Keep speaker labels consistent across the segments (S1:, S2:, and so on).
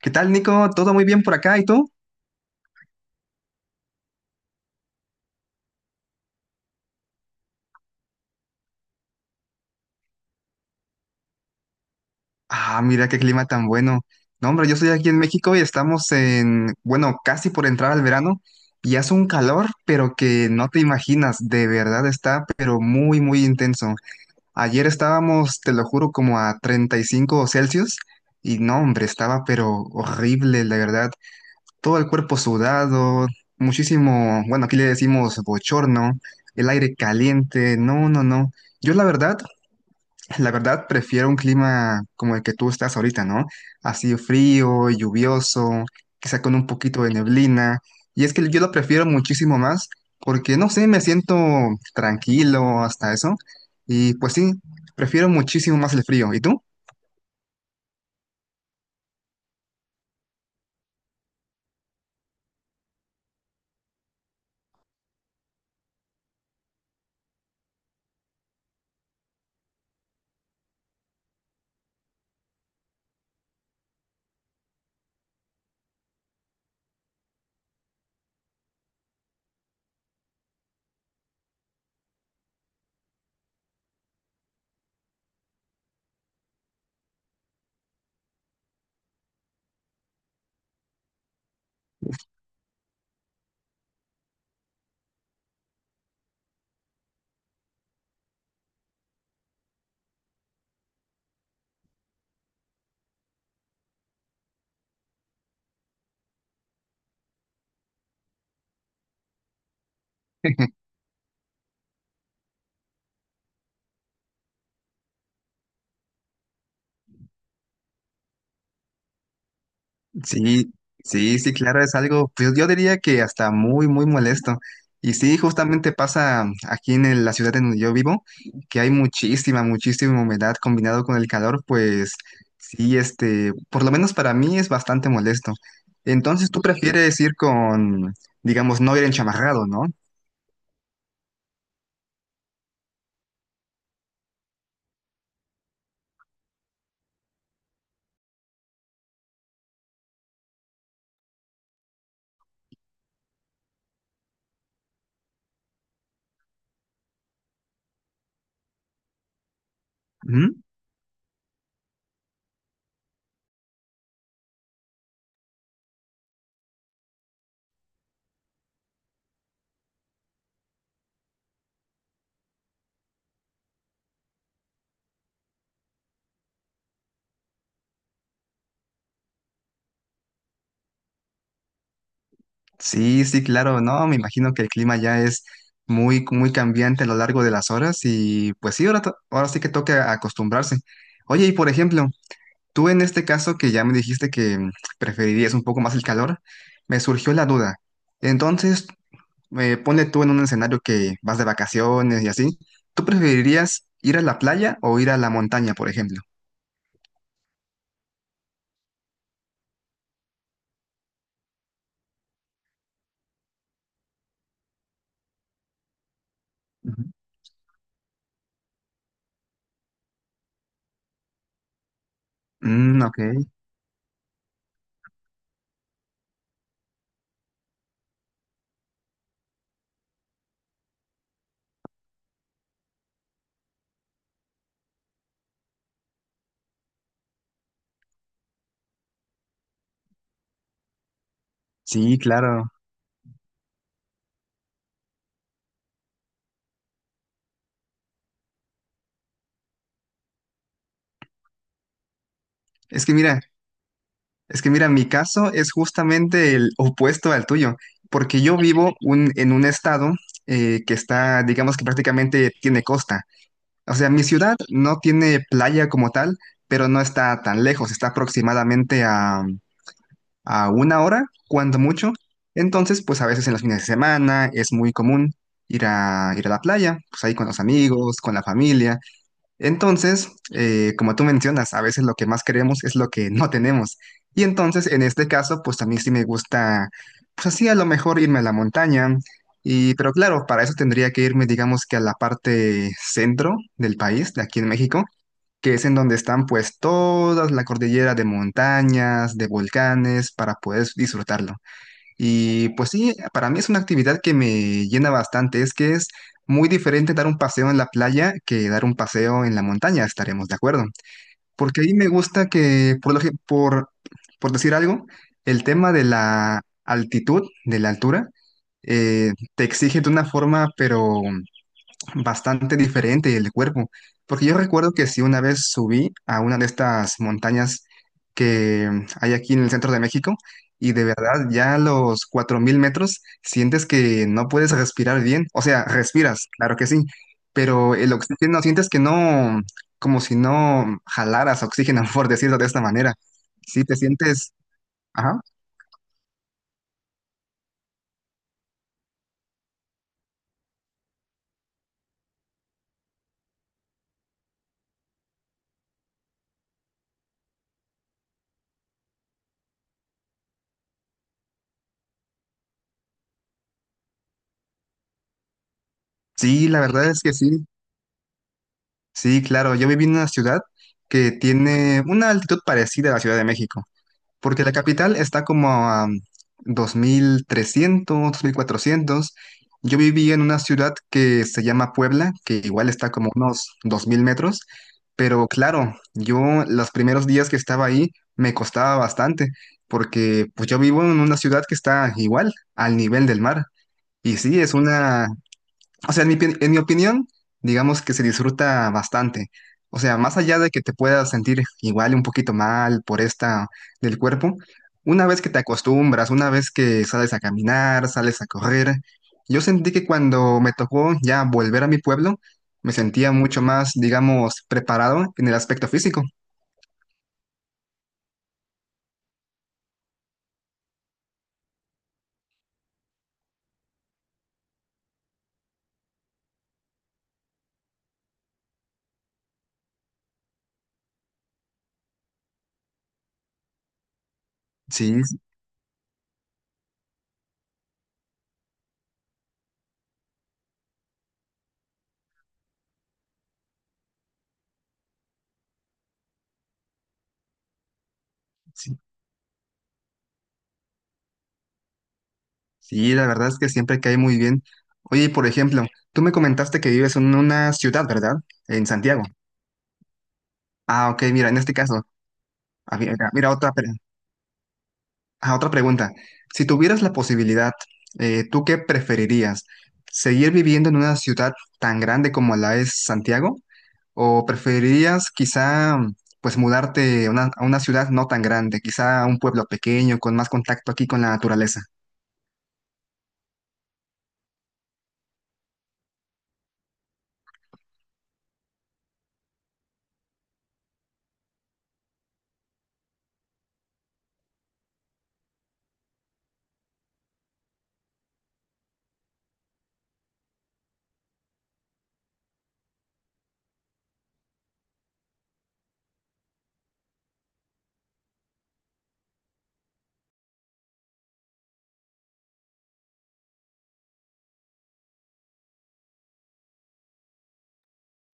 S1: ¿Qué tal, Nico? ¿Todo muy bien por acá? ¿Y tú? Ah, mira qué clima tan bueno. No, hombre, yo estoy aquí en México y estamos en, bueno, casi por entrar al verano y hace un calor, pero que no te imaginas, de verdad está, pero muy, muy intenso. Ayer estábamos, te lo juro, como a 35 °C y no, hombre, estaba pero horrible, la verdad. Todo el cuerpo sudado, muchísimo, bueno, aquí le decimos bochorno, el aire caliente, no, no, no. Yo la verdad La verdad, prefiero un clima como el que tú estás ahorita, ¿no? Así frío, lluvioso, quizá con un poquito de neblina. Y es que yo lo prefiero muchísimo más porque, no sé, me siento tranquilo hasta eso. Y pues sí, prefiero muchísimo más el frío. ¿Y tú? Sí, sí, sí, claro, es algo, pues yo diría que hasta muy, muy molesto. Y sí, justamente pasa aquí la ciudad en donde yo vivo, que hay muchísima, muchísima humedad combinado con el calor, pues sí, este, por lo menos para mí es bastante molesto. Entonces, ¿tú prefieres ir con, digamos, no ir enchamarrado, no? Ujú. Sí, sí, claro, no, me imagino que el clima ya es muy, muy cambiante a lo largo de las horas y pues sí, ahora, ahora sí que toca acostumbrarse. Oye, y por ejemplo, tú en este caso que ya me dijiste que preferirías un poco más el calor, me surgió la duda. Entonces, ponle tú en un escenario que vas de vacaciones y así, ¿tú preferirías ir a la playa o ir a la montaña, por ejemplo? Ujú. Mm, ok, sí, claro. Es que mira, es que mira, mi caso es justamente el opuesto al tuyo, porque yo vivo en un estado que está, digamos que prácticamente tiene costa. O sea, mi ciudad no tiene playa como tal, pero no está tan lejos, está aproximadamente a una hora, cuando mucho. Entonces, pues a veces en los fines de semana es muy común ir a la playa, pues ahí con los amigos, con la familia. Entonces, como tú mencionas, a veces lo que más queremos es lo que no tenemos. Y entonces, en este caso, pues a mí sí me gusta, pues así a lo mejor irme a la montaña. Pero claro, para eso tendría que irme, digamos que a la parte centro del país, de aquí en México, que es en donde están pues toda la cordillera de montañas, de volcanes, para poder disfrutarlo. Y pues sí, para mí es una actividad que me llena bastante. Es que es muy diferente dar un paseo en la playa que dar un paseo en la montaña, estaremos de acuerdo. Porque ahí me gusta que, por, lo gen- por decir algo, el tema de la altitud, de la altura, te exige de una forma, pero bastante diferente el cuerpo, porque yo recuerdo que sí una vez subí a una de estas montañas que hay aquí en el centro de México y de verdad ya a los 4000 metros sientes que no puedes respirar bien, o sea, respiras, claro que sí, pero el oxígeno sientes que no, como si no jalaras oxígeno, por decirlo de esta manera, sí te sientes, ajá, sí, la verdad es que sí, sí, claro, yo viví en una ciudad que tiene una altitud parecida a la Ciudad de México. Porque la capital está como a 2300, 2400. Yo vivía en una ciudad que se llama Puebla, que igual está como unos 2000 metros, pero claro, yo los primeros días que estaba ahí me costaba bastante, porque pues yo vivo en una ciudad que está igual al nivel del mar. Y sí, es una o sea, en mi opinión, digamos que se disfruta bastante. O sea, más allá de que te puedas sentir igual un poquito mal por esta del cuerpo, una vez que te acostumbras, una vez que sales a caminar, sales a correr, yo sentí que cuando me tocó ya volver a mi pueblo, me sentía mucho más, digamos, preparado en el aspecto físico. Sí, sí, sí, la verdad es que siempre cae muy bien. Oye, y por ejemplo, tú me comentaste que vives en una ciudad, ¿verdad? En Santiago. Ah, ok, mira, en este caso, ah, mira, mira, mira otra pregunta. Si tuvieras la posibilidad, ¿tú qué preferirías? ¿Seguir viviendo en una ciudad tan grande como la es Santiago? ¿O preferirías quizá pues mudarte a una ciudad no tan grande, quizá a un pueblo pequeño con más contacto aquí con la naturaleza?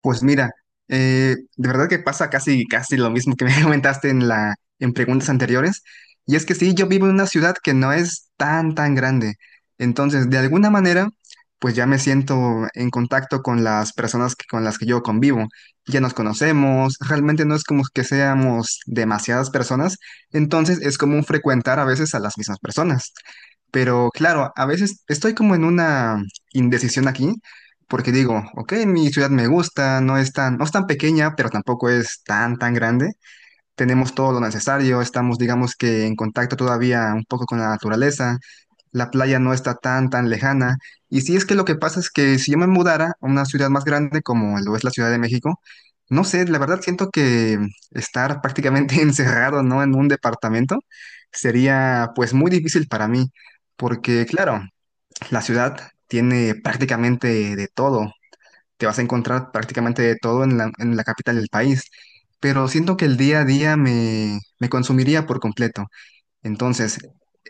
S1: Pues mira, de verdad que pasa casi, casi lo mismo que me comentaste en preguntas anteriores. Y es que sí, yo vivo en una ciudad que no es tan, tan grande. Entonces, de alguna manera, pues ya me siento en contacto con las personas con las que yo convivo. Ya nos conocemos, realmente no es como que seamos demasiadas personas. Entonces, es común frecuentar a veces a las mismas personas. Pero claro, a veces estoy como en una indecisión aquí porque digo, ok, mi ciudad me gusta, no es tan pequeña, pero tampoco es tan, tan grande. Tenemos todo lo necesario, estamos, digamos que en contacto todavía un poco con la naturaleza, la playa no está tan, tan lejana. Y si es que lo que pasa es que si yo me mudara a una ciudad más grande como lo es la Ciudad de México, no sé, la verdad siento que estar prácticamente encerrado, ¿no? En un departamento sería pues muy difícil para mí, porque claro, la ciudad tiene prácticamente de todo. Te vas a encontrar prácticamente de todo en la capital del país, pero siento que el día a día me consumiría por completo. Entonces,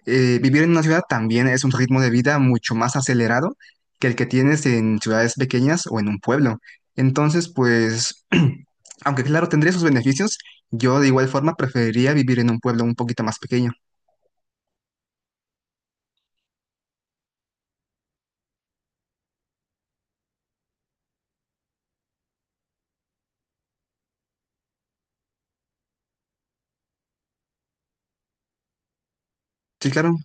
S1: vivir en una ciudad también es un ritmo de vida mucho más acelerado que el que tienes en ciudades pequeñas o en un pueblo. Entonces, pues, aunque claro, tendría sus beneficios, yo de igual forma preferiría vivir en un pueblo un poquito más pequeño. Sí, claro,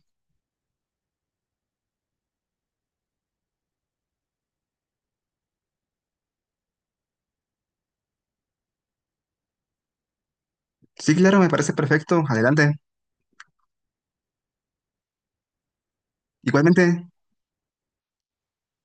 S1: sí, claro, me parece perfecto. Adelante. Igualmente.